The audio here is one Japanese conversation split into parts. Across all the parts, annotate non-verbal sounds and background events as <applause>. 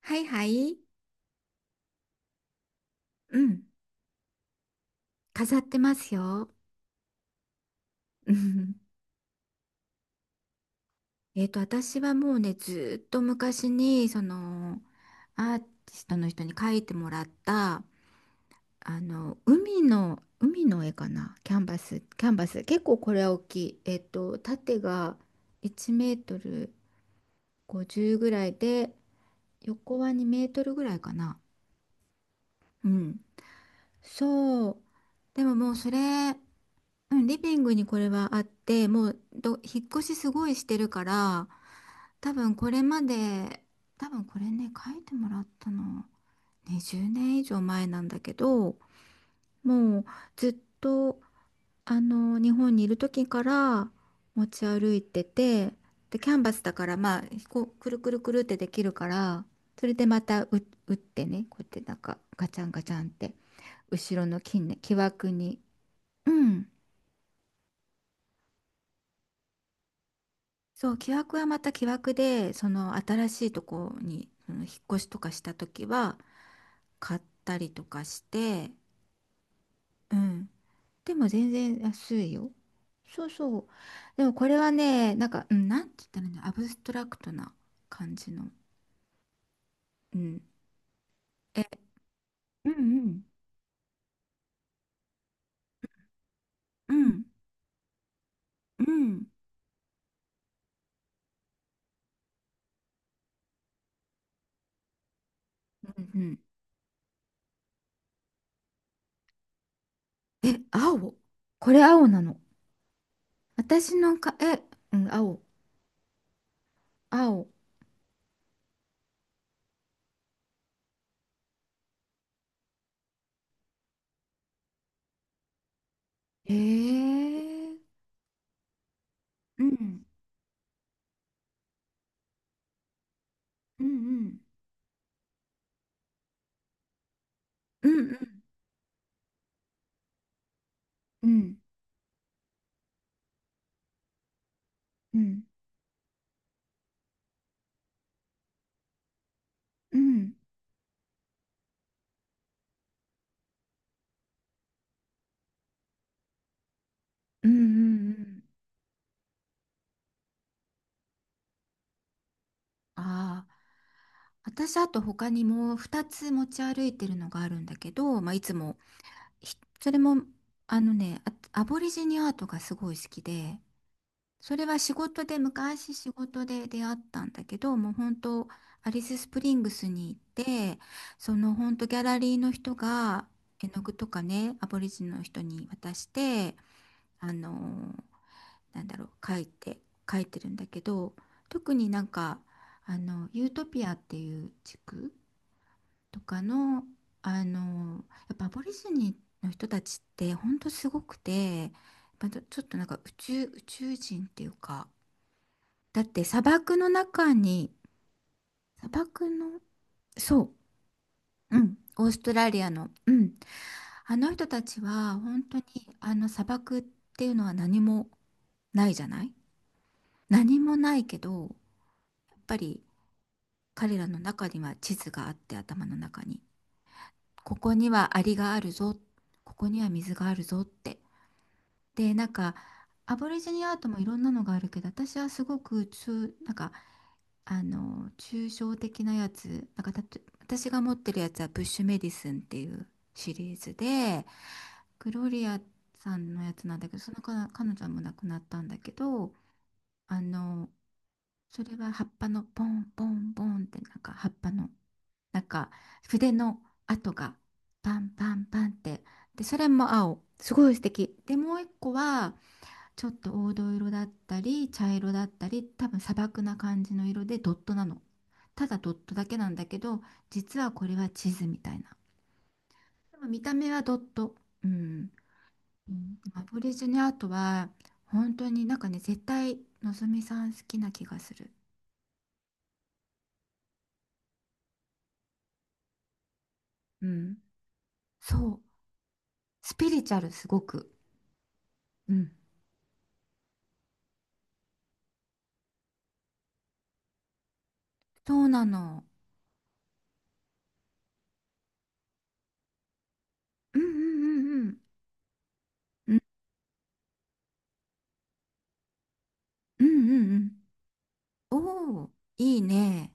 はいはい。うん。飾ってますよ。うん。私はもうね、ずーっと昔に、アーティストの人に描いてもらった、海の絵かな。キャンバス。結構これは大きい。縦が1メートル50ぐらいで、横は2メートルぐらいかな。うん。そう。でももうそれ、うん、リビングにこれはあって、もうど、引っ越しすごいしてるから、多分これまで、多分これね、書いてもらったの、20年以上前なんだけど、もうずっと、日本にいる時から持ち歩いてて、で、キャンバスだから、まあ、くるくるくるってできるから、それでまた打ってね、こうやってガチャンガチャンって、後ろの金ね、木枠に、うん、そう、木枠はまた木枠で、その新しいとこに、うん、引っ越しとかした時は買ったりとかして、うん。でも全然安いよ。そうそう。でもこれはね、うん、なんて言ったらいいの、アブストラクトな感じの。うん。え、うんうん。うん。うん。うんうん。え、青。これ青なの。私のか、え、うん、青。青。へえ。うん。うんうん。うんうん。うん。うん、うん、うんうんうん。ああ、私あと他にも2つ持ち歩いてるのがあるんだけど、まあ、いつもそれも、あのねアボリジニアートがすごい好きで、それは仕事で昔仕事で出会ったんだけど、もう本当、アリススプリングスに行って、その本当、ギャラリーの人が絵の具とかね、アボリジニの人に渡して、あのなんだろう、書いてるんだけど、特にユートピアっていう地区とかの、やっぱアボリジニの人たちってほんとすごくて、またちょっとなんか、宇宙人っていうか、だって砂漠の中に、砂漠のそう、うん、オーストラリアの、うん、あの人たちは本当に、あの砂漠っていうのは何もないじゃない、何もないけど、やっぱり彼らの中には地図があって、頭の中に、ここにはアリがあるぞ、ここには水があるぞって。でなんか、アボリジニアートもいろんなのがあるけど、私はすごく、中なんか抽象的なやつ、なんかたと私が持ってるやつは「ブッシュメディスン」っていうシリーズで、グロリアさんのやつなんだけど、彼女も亡くなったんだけど、あのそれは葉っぱの、ポンポンポンって、葉っぱの、なんか筆の跡が、パンパンパンって。で、それも青。すごい素敵。で、もう一個はちょっと黄土色だったり茶色だったり、多分砂漠な感じの色でドットなの。ただドットだけなんだけど、実はこれは地図みたいな。でも見た目はドット。うん。うん、アボリジニアートは本当に絶対のぞみさん好きな気がする。うん。そう。スピリチュアルすごく。うん。そうなの。うんうんうんうんうんうんうんうん。おおー、いいね。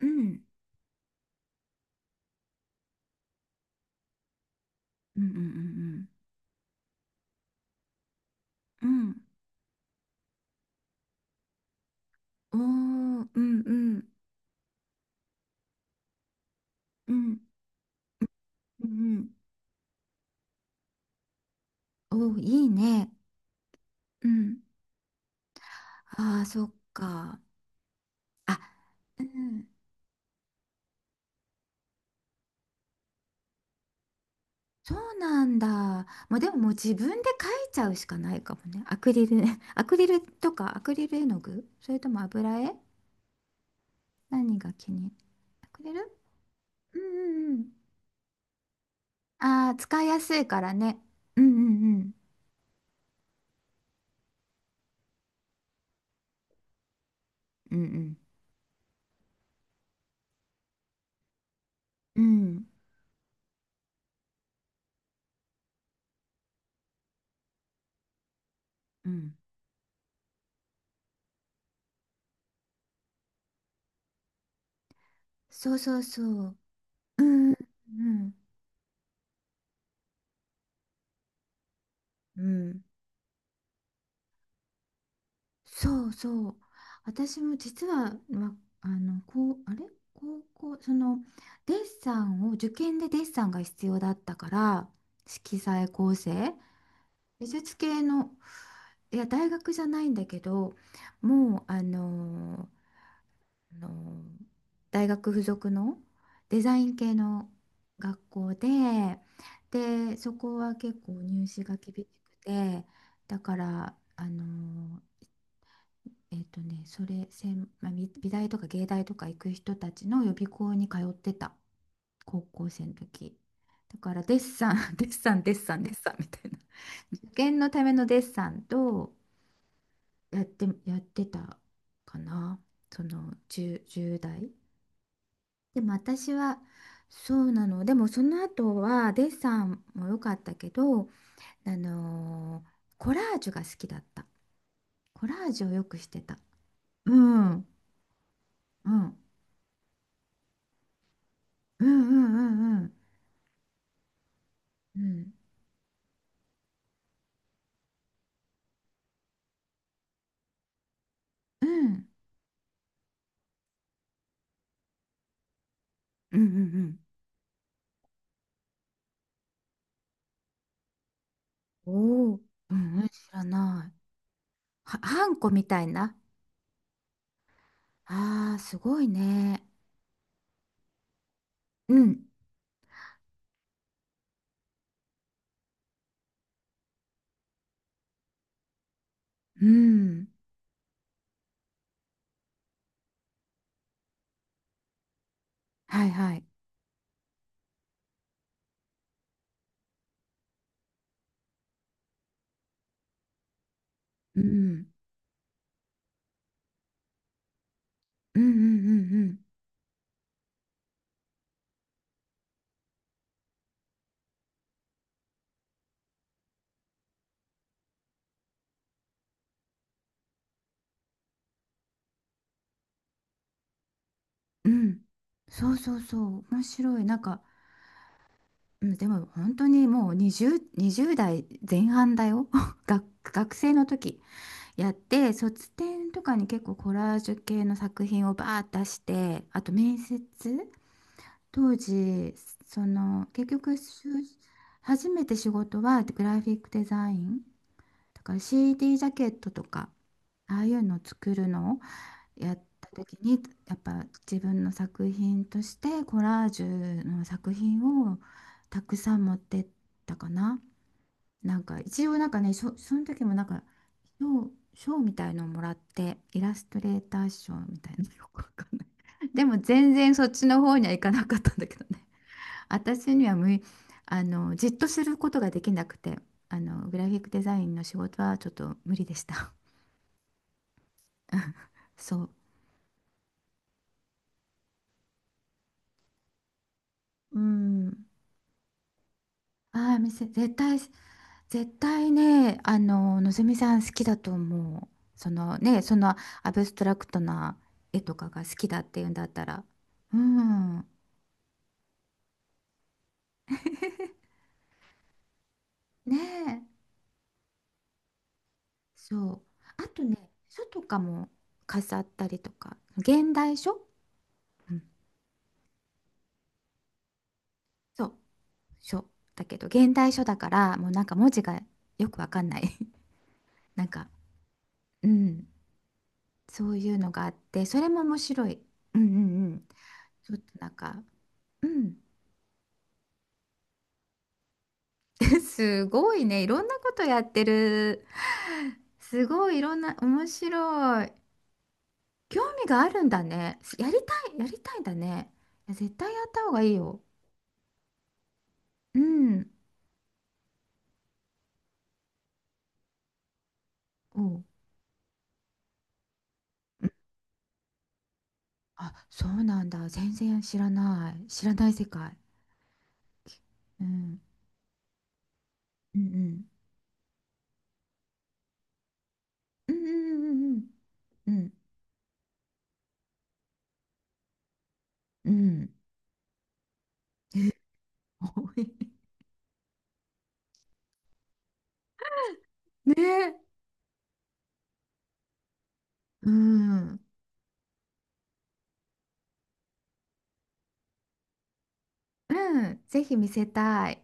うんうんうんうんうんうん。おおー。うんうんうんうんうん。おお、いいね。うん。あー、そっか。あ、うん。そうなんだ。まあ、でももう自分で描いちゃうしかないかもね。アクリル <laughs> アクリルとかアクリル絵の具、それとも油絵、何が気にアクリル。うんうんうん。あー、使いやすいからね。うんうんうんうんうん。うん。うん。そうそうそう。うんうんうん。そうそう。私も実は、わあの、こう、あれ高校、デッサンを、受験でデッサンが必要だったから、色彩構成、美術系の、いや、大学じゃないんだけど、もう、あの大学附属のデザイン系の学校で、でそこは結構入試が厳しくて、だから、それ専、まあ、美大とか芸大とか行く人たちの予備校に通ってた、高校生の時。だからデッサン <laughs> デッサンデッサンデッサンみたいな、受験のためのデッサンと、やってたかな、その10代。でも私は、そうなの。でもその後はデッサンも良かったけど、コラージュが好きだった。コラージュをよくしてた。うんうんうんうんうんうんうんうんうんうん。おおー。うんうん、知らない。ハンコみたいな、あー、すごいね。うんうん、はいはい、うんうんうんうんうんうん。そうそうそう、面白い。なんか、うん、でも本当にもう20代前半だよ <laughs> 学生の時、やって、卒展とかに結構コラージュ系の作品をバーッ出して、あと面接、当時、結局、初めて仕事はグラフィックデザインだから、 CD ジャケットとかああいうのを作るのやった時に、やっぱ自分の作品としてコラージュの作品をたくさん持ってったかな。一応その時も賞、賞みたいのをもらって、イラストレーター賞みたいなの <laughs> よくわかんない。でも全然そっちの方には行かなかったんだけどね。私には無い、じっとすることができなくて、グラフィックデザインの仕事はちょっと無理でした。<laughs> そう。うん。ああ、絶対ね、のぞみさん好きだと思う。そのアブストラクトな絵とかが好きだっていうんだったら。うん。ねえ、そう。あとね、書とかも飾ったりとか、現代書。うん。そう、書。だけど、現代書だから、もうなんか文字がよくわかんない。<laughs> なんか、うん。そういうのがあって、それも面白い。うんうんうん。ちょっとなんか、うん。<laughs> すごいね。いろんなことやってる。すごいいろんな、面白い。興味があるんだね。やりたい、やりたいんだね。いや、絶対やった方がいいよ。うん。おう。うん、あ、そうなんだ。全然知らない。知らない世界。うん。うんうん。うんうんうんうん。うんうん。<laughs> 多いねえ。うん。うん。ぜひ見せたい。